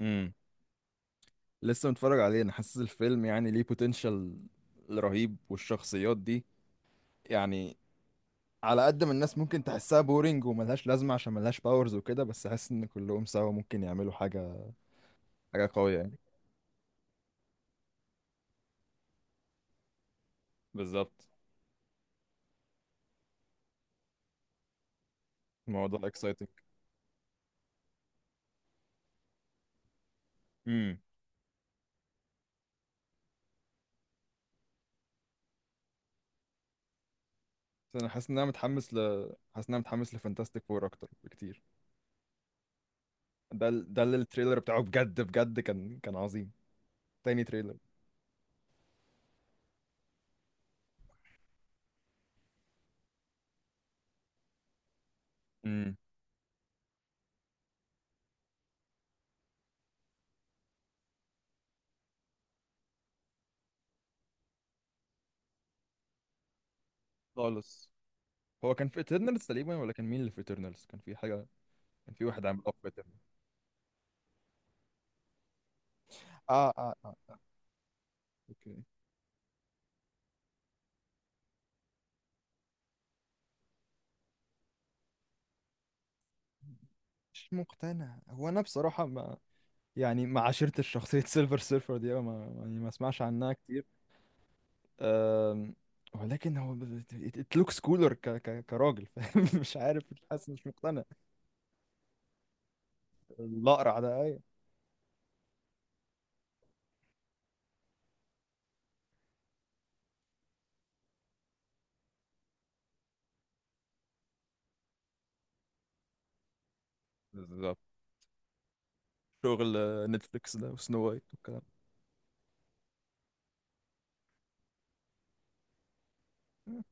امم لسه متفرج عليه، انا حاسس الفيلم يعني ليه بوتنشال رهيب والشخصيات دي. يعني على قد ما الناس ممكن تحسها بورينج وملهاش لازمة عشان ملهاش باورز وكده، بس حاسس ان كلهم سوا ممكن يعملوا حاجة. حاجة قوية يعني. بالظبط. الموضوع اكسايتنج. امم انا حاسس ان انا متحمس ل حاسس ان انا متحمس لفانتاستيك فور اكتر بكتير. ده اللي التريلر بتاعه بجد بجد كان عظيم. تاني تريلر. امم خالص. هو كان في ايترنالز تقريبا، ولا كان مين اللي في ايترنالز؟ كان في حاجة. كان في واحد عامل اب. اه اه اه. اوكي. مش مقتنع، هو انا بصراحة ما يعني ما عاشرتش شخصية سيلفر سيرفر دي أوي، ما يعني ما اسمعش عنها كتير. أم، ولكن هو ات لوكس كولر ك ك كراجل فاهم؟ مش عارف، مش حاسس، مش مقتنع. الأقرع ده ايوه. بالظبط. شغل نتفليكس ده وسنو وايت والكلام ده.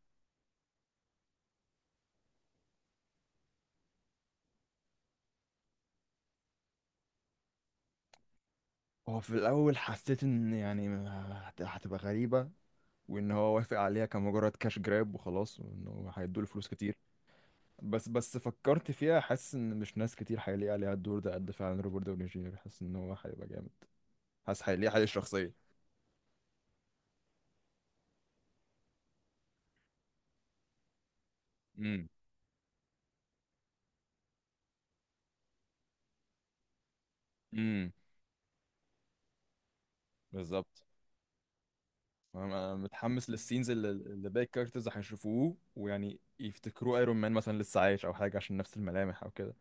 هو في الأول حسيت إن يعني هتبقى غريبة، وإن هو وافق عليها كمجرد كاش جراب وخلاص، وإنه هيدوله فلوس كتير. بس فكرت فيها، حاسس ان مش ناس كتير هيلاقي عليها الدور ده قد فعلا روبرت داوني جونيور، حاسس ان هو هيبقى جامد. حاسس هيلاقي عليه الشخصيه. امم امم بالظبط. أنا متحمس للسينز اللي باقي الكاركترز هيشوفوه ويعني يفتكروا ايرون مان مثلا لسه عايش او حاجه، عشان نفس الملامح او كده.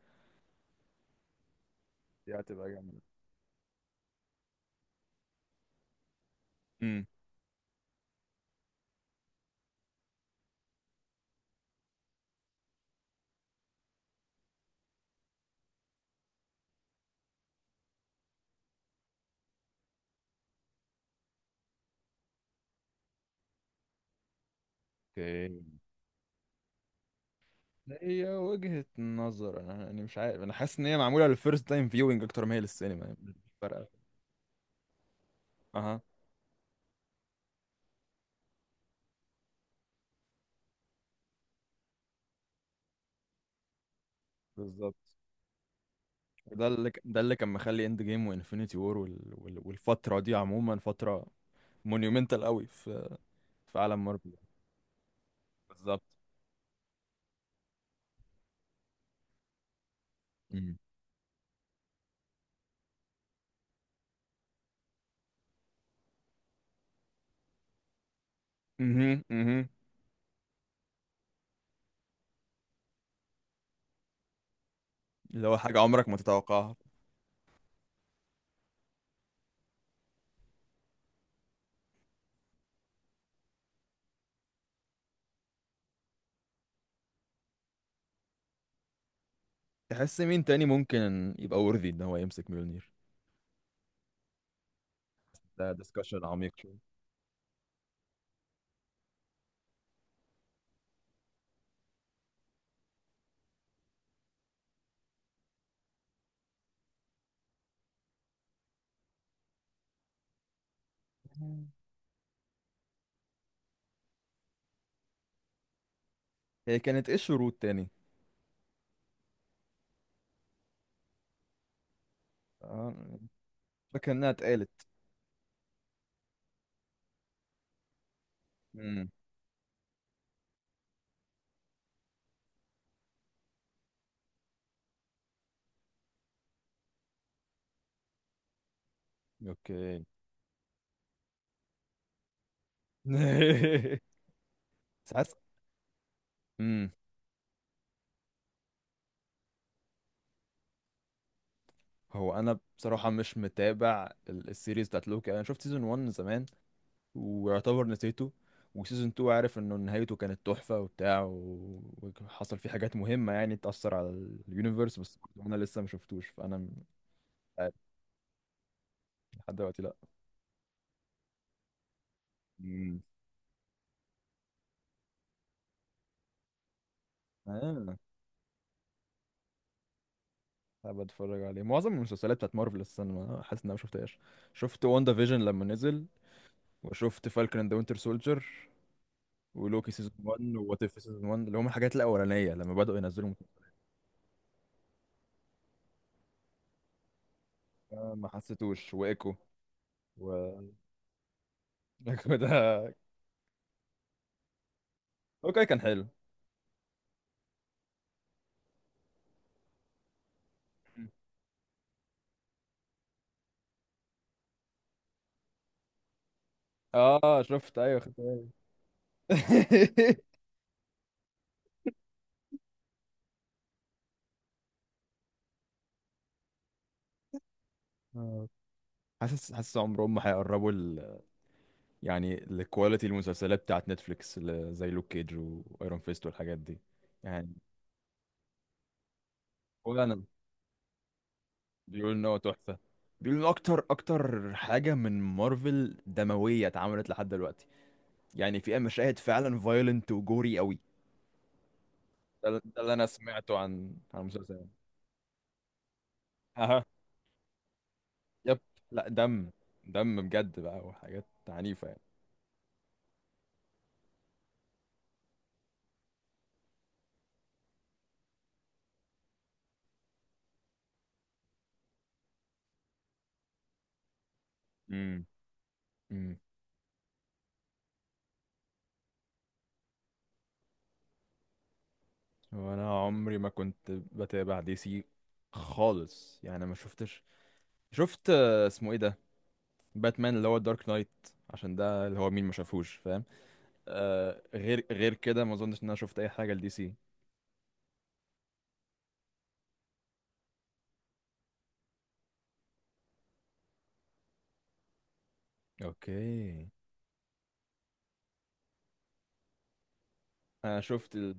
دي هتبقى جامده. امم اوكي. هي وجهة نظر، انا يعني مش عارف، انا حاسس ان هي معموله للفيرست تايم فيوينج اكتر ما هي للسينما، يعني مش فارقه. اها. بالظبط. ده اللي كان مخلي اند جيم وانفينيتي وور والفتره دي عموما فتره مونيومنتال قوي في عالم مارفل. بالظبط. امم امم امم اللي هو حاجه عمرك ما تتوقعها. تحس مين تاني ممكن يبقى worthy ان هو يمسك ميولنير؟ ده ديسكشن عميق شويه. مم. هي كانت ايه الشروط تاني؟ آه، فاكر انها اتقالت. امم اوكي. ساعات. امم هو انا بصراحه مش متابع السيريز بتاعت لوكي، انا شفت سيزون 1 زمان ويعتبر نسيته. وسيزون 2 عارف انه نهايته كانت تحفة وبتاع، وحصل فيه حاجات مهمة يعني تأثر على اليونيفرس، بس انا لسه ما شفتوش، فانا مش عارف لحد دلوقتي، لا. مم. اه. حابب اتفرج عليه. معظم المسلسلات بتاعت مارفل السنة، ما حاسس ان انا ما شفتهاش. شفت واندا فيجن لما نزل، وشفت فالكون اند وينتر سولجر ولوكي سيزون 1 ووات اف سيزون 1، اللي هم الحاجات الاولانيه لما بداوا ينزلوا مسلسلات. ما حسيتوش وايكو، و ايكو ده اوكي كان حلو. اه شفت، ايوه خدت بالي. آه. حاسس عمرهم ما هيقربوا يعني الكواليتي المسلسلات بتاعت نتفليكس، زي لوك كيج وايرون فيست والحاجات دي يعني. ولا انا. بيقولوا ان هو تحفه. بيقولوا ان اكتر اكتر حاجه من مارفل دمويه اتعملت لحد دلوقتي، يعني فيها مشاهد فعلا فايلنت وجوري قوي. ده اللي انا سمعته عن المسلسل. اها. يب. لا، دم. دم بجد بقى، وحاجات عنيفه يعني. امم وانا عمري ما كنت بتابع دي سي خالص، يعني ما شفتش. شفت اسمه ايه ده، باتمان اللي هو دارك نايت، عشان ده اللي هو مين ما شافوش فاهم. غير كده ما اظنش ان انا شفت اي حاجه لدي سي. اوكي. انا شفت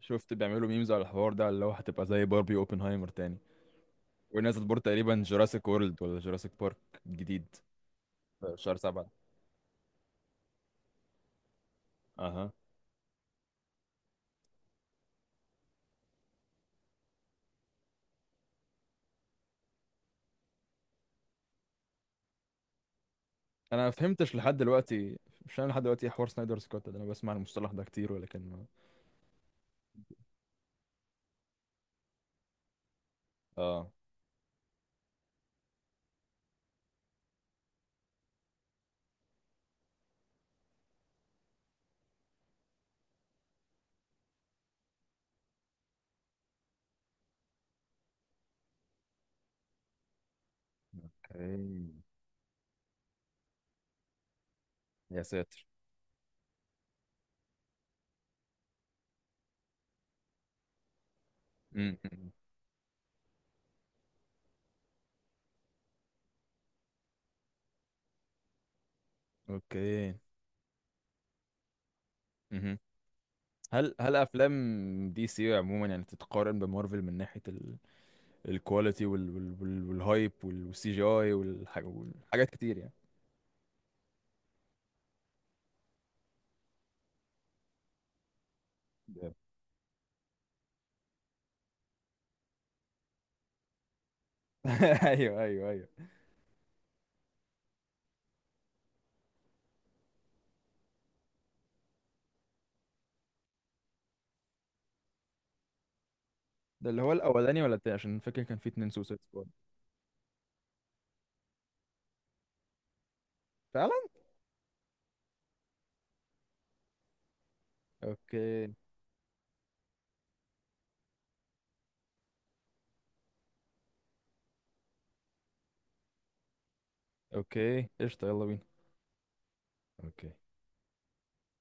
شفت بيعملوا ميمز على الحوار ده، اللي هو هتبقى زي باربي اوبنهايمر تاني. ونازل برضه تقريبا جوراسيك وورلد، ولا جوراسيك بارك جديد، في شهر سبعة. اها. انا ما فهمتش لحد دلوقتي، مش انا لحد دلوقتي إيه حوار سنايدر سكوت ده؟ انا بسمع المصطلح ده كتير ولكن اه. اوكي. يا ساتر. مم. اوكي. مهم. هل افلام دي سي عموما يعني تتقارن بمارفل من ناحيه الكواليتي والهايب والسي جي اي، والحاجات كتير يعني. جامد. ايوه ايوه ايوه. ده اللي هو الاولاني ولا التاني، عشان فاكر كان في اتنين سوسايد سكواد. فعلا. اوكي. اوكي قشطه، يلا بينا. اوكي.